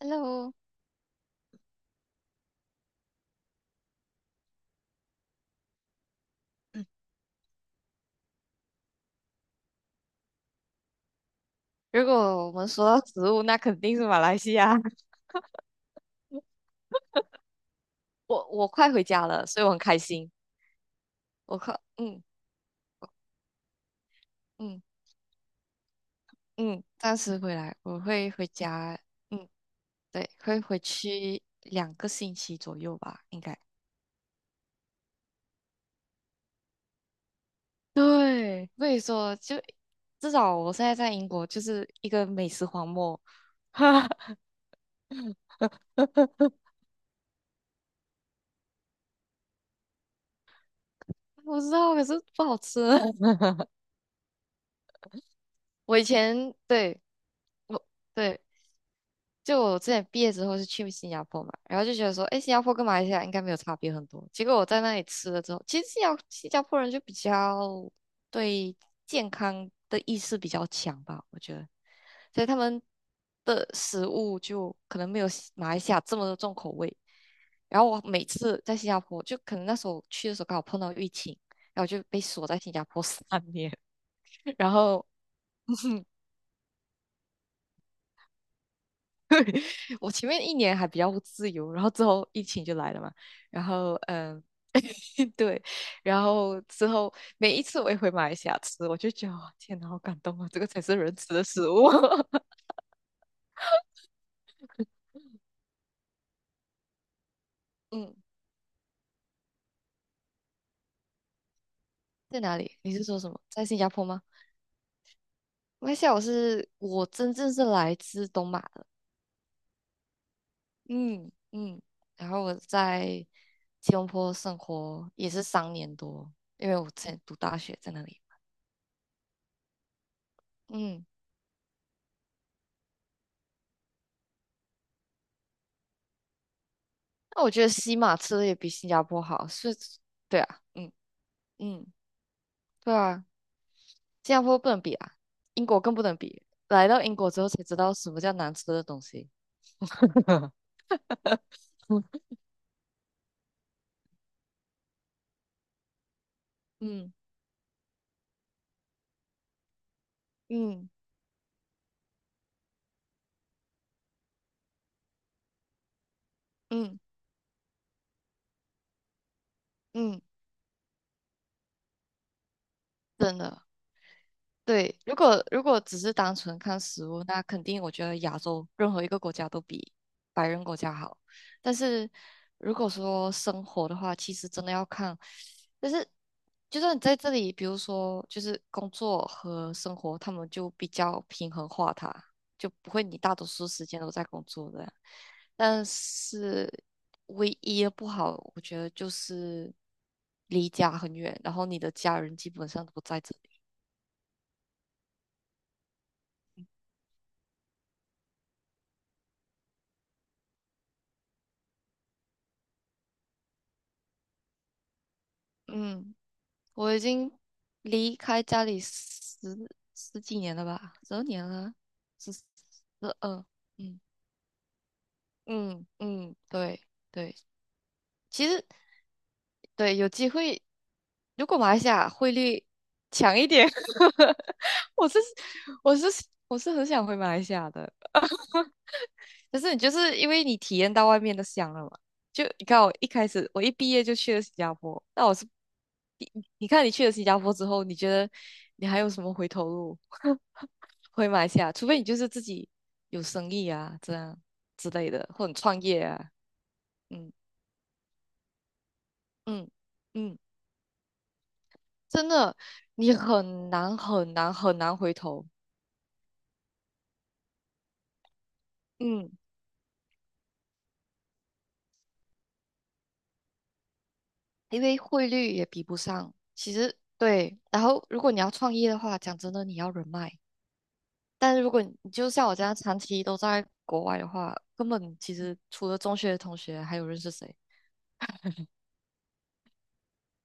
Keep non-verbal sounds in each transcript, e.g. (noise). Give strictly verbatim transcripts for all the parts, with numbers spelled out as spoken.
Hello，如果我们说到食物，那肯定是马来西亚。(laughs) 我我快回家了，所以我很开心。我快，嗯嗯嗯，暂时回来，我会回家。嗯，对，会回去两个星期左右吧，应该。对，所以说就至少我现在在英国就是一个美食荒漠。(laughs) 我知道，可是不好吃。(laughs) 我以前对我对就我之前毕业之后是去新加坡嘛，然后就觉得说，哎，新加坡跟马来西亚应该没有差别很多。结果我在那里吃了之后，其实新加新加坡人就比较对健康的意识比较强吧，我觉得，所以他们的食物就可能没有西马来西亚这么的重口味。然后我每次在新加坡，就可能那时候去的时候刚好碰到疫情，然后就被锁在新加坡三年，(laughs) 然后 (laughs) 我前面一年还比较自由，然后之后疫情就来了嘛，然后嗯，(laughs) 对，然后之后每一次我也回马来西亚吃，我就觉得哇天哪，好感动啊，这个才是人吃的食物。(laughs) 嗯，在哪里？你是说什么？在新加坡吗？马来西亚，我是我真正是来自东马的，嗯嗯，然后我在吉隆坡生活也是三年多，因为我之前读大学在那里，嗯。那我觉得西马吃的也比新加坡好，是，对啊，嗯嗯，对啊，新加坡不能比啊，英国更不能比。来到英国之后才知道什么叫难吃的东西。(laughs) 嗯嗯嗯嗯，真的。对，如果如果只是单纯看食物，那肯定我觉得亚洲任何一个国家都比白人国家好。但是如果说生活的话，其实真的要看，就是就算你在这里，比如说就是工作和生活，他们就比较平衡化它，就不会你大多数时间都在工作的。但是唯一的不好，我觉得就是离家很远，然后你的家人基本上都不在这里。嗯。我已经离开家里十十几年了吧，十二年了，十十二，嗯嗯嗯，对对，其实，对，有机会，如果马来西亚汇率强一点，(laughs) 我是我是我是很想回马来西亚的，可是你就是因为你体验到外面的香了嘛，就你看，我一开始我一毕业就去了新加坡，那我是你你看你去了新加坡之后，你觉得你还有什么回头路？回马来西亚，除非你就是自己有生意啊，这样之类的，或者创业啊，嗯嗯嗯，真的，你很难很难很难回头，嗯，因为汇率也比不上。其实，对，然后如果你要创业的话，讲真的，你要人脉，但是如果你你就像我这样长期都在国外的话，根本其实除了中学的同学，还有认识谁？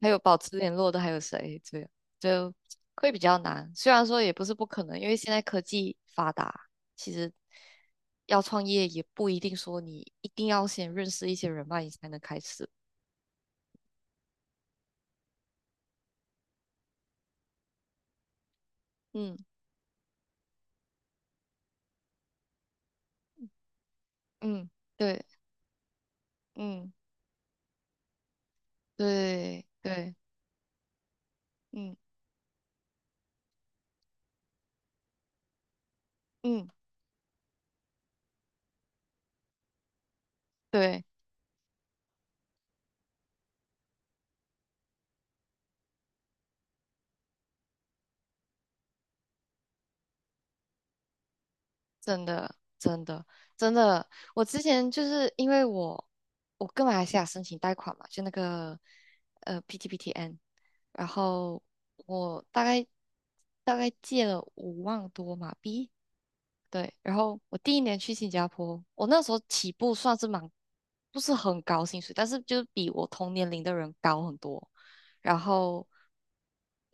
还有保持联络的还有谁？这样就会比较难。虽然说也不是不可能，因为现在科技发达，其实要创业也不一定说你一定要先认识一些人脉，你才能开始。嗯嗯，对，嗯，对对，嗯嗯，对。真的，真的，真的，我之前就是因为我我跟马来西亚申请贷款嘛，就那个呃 P T P T N，然后我大概大概借了五万多马币，对，然后我第一年去新加坡，我那时候起步算是蛮不是很高薪水，但是就是比我同年龄的人高很多，然后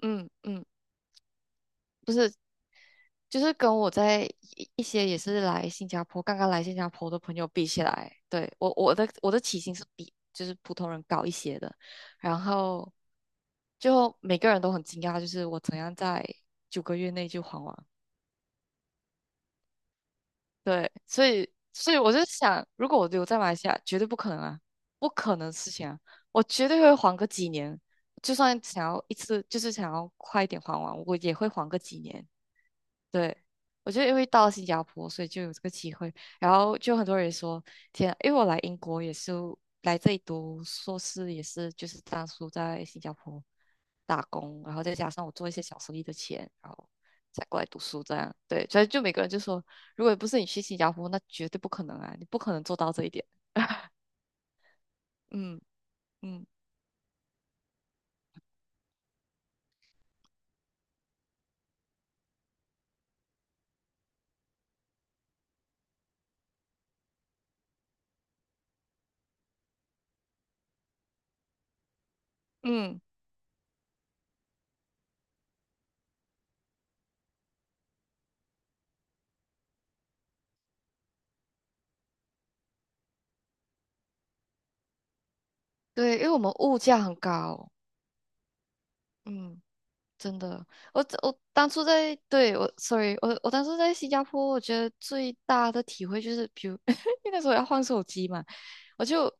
嗯嗯。不是。就是跟我在一一些也是来新加坡，刚刚来新加坡的朋友比起来，对，我我的我的起薪是比就是普通人高一些的，然后就每个人都很惊讶，就是我怎样在九个月内就还完。对，所以所以我就想，如果我留在马来西亚，绝对不可能啊，不可能的事情啊，我绝对会还个几年，就算想要一次，就是想要快一点还完，我也会还个几年。对，我就因为到了新加坡，所以就有这个机会。然后就很多人说，天啊，因为我来英国也是来这里读硕士，也是就是当初在新加坡打工，然后再加上我做一些小生意的钱，然后才过来读书这样。对，所以就每个人就说，如果不是你去新加坡，那绝对不可能啊，你不可能做到这一点。嗯嗯嗯，对，因为我们物价很高。嗯。真的，我我当初在，对，我，sorry，我我当初在新加坡，我觉得最大的体会就是，比如 (laughs) 因为那时候要换手机嘛，我就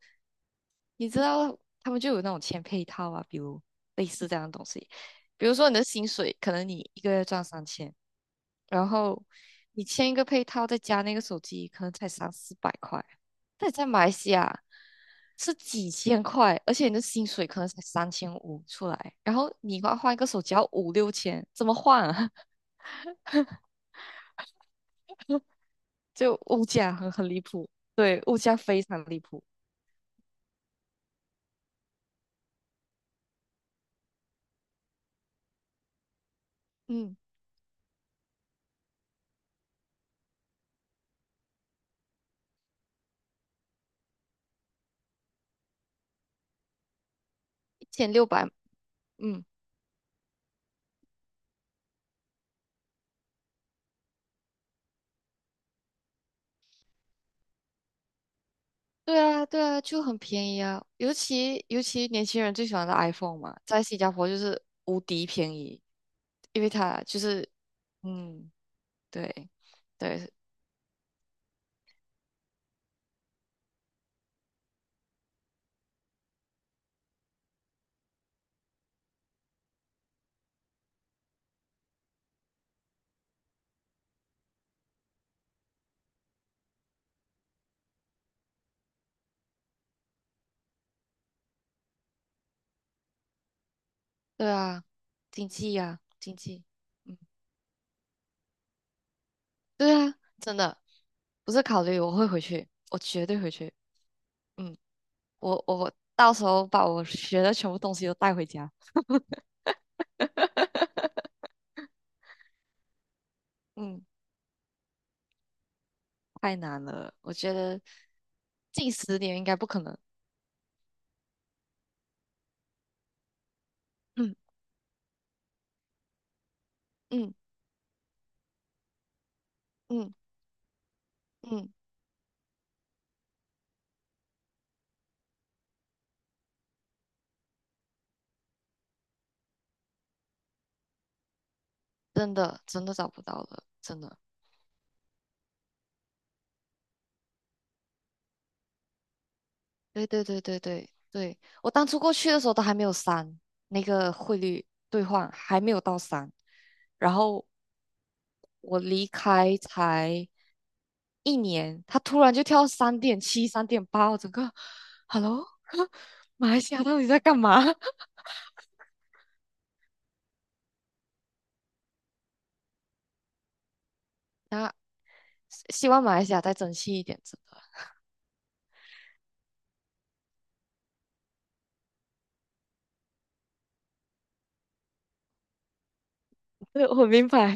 你知道，他们就有那种签配套啊，比如类似这样的东西，比如说你的薪水，可能你一个月赚三千，然后你签一个配套，再加那个手机，可能才三四百块，那你在马来西亚是几千块，而且你的薪水可能才三千五出来，然后你要换一个手机要五六千，怎么换啊？(laughs) 就物价很很离谱，对，物价非常离谱，嗯，一千六百，嗯，对啊，对啊，就很便宜啊，尤其尤其年轻人最喜欢的 iPhone 嘛，在新加坡就是无敌便宜，因为它就是，嗯，对，对，对啊，经济呀、经济。嗯。对啊，真的不是考虑，我会回去，我绝对回去。嗯，我我到时候把我学的全部东西都带回家。(laughs) 嗯，太难了，我觉得近十年应该不可能。嗯嗯嗯嗯，真的真的找不到了，真的。对对对对对对，我当初过去的时候都还没有三，那个汇率兑换还没有到三，然后我离开才一年，他突然就跳三点七、三点八，我整个，Hello，(laughs) 马来西亚到底在干嘛？(laughs) 那希望马来西亚再争气一点，真的。(laughs) 对，我明白。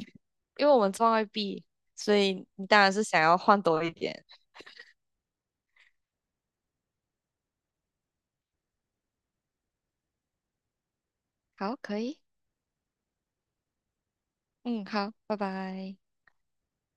因为我们赚外币，所以你当然是想要换多一点。好，可以，嗯，好，拜拜。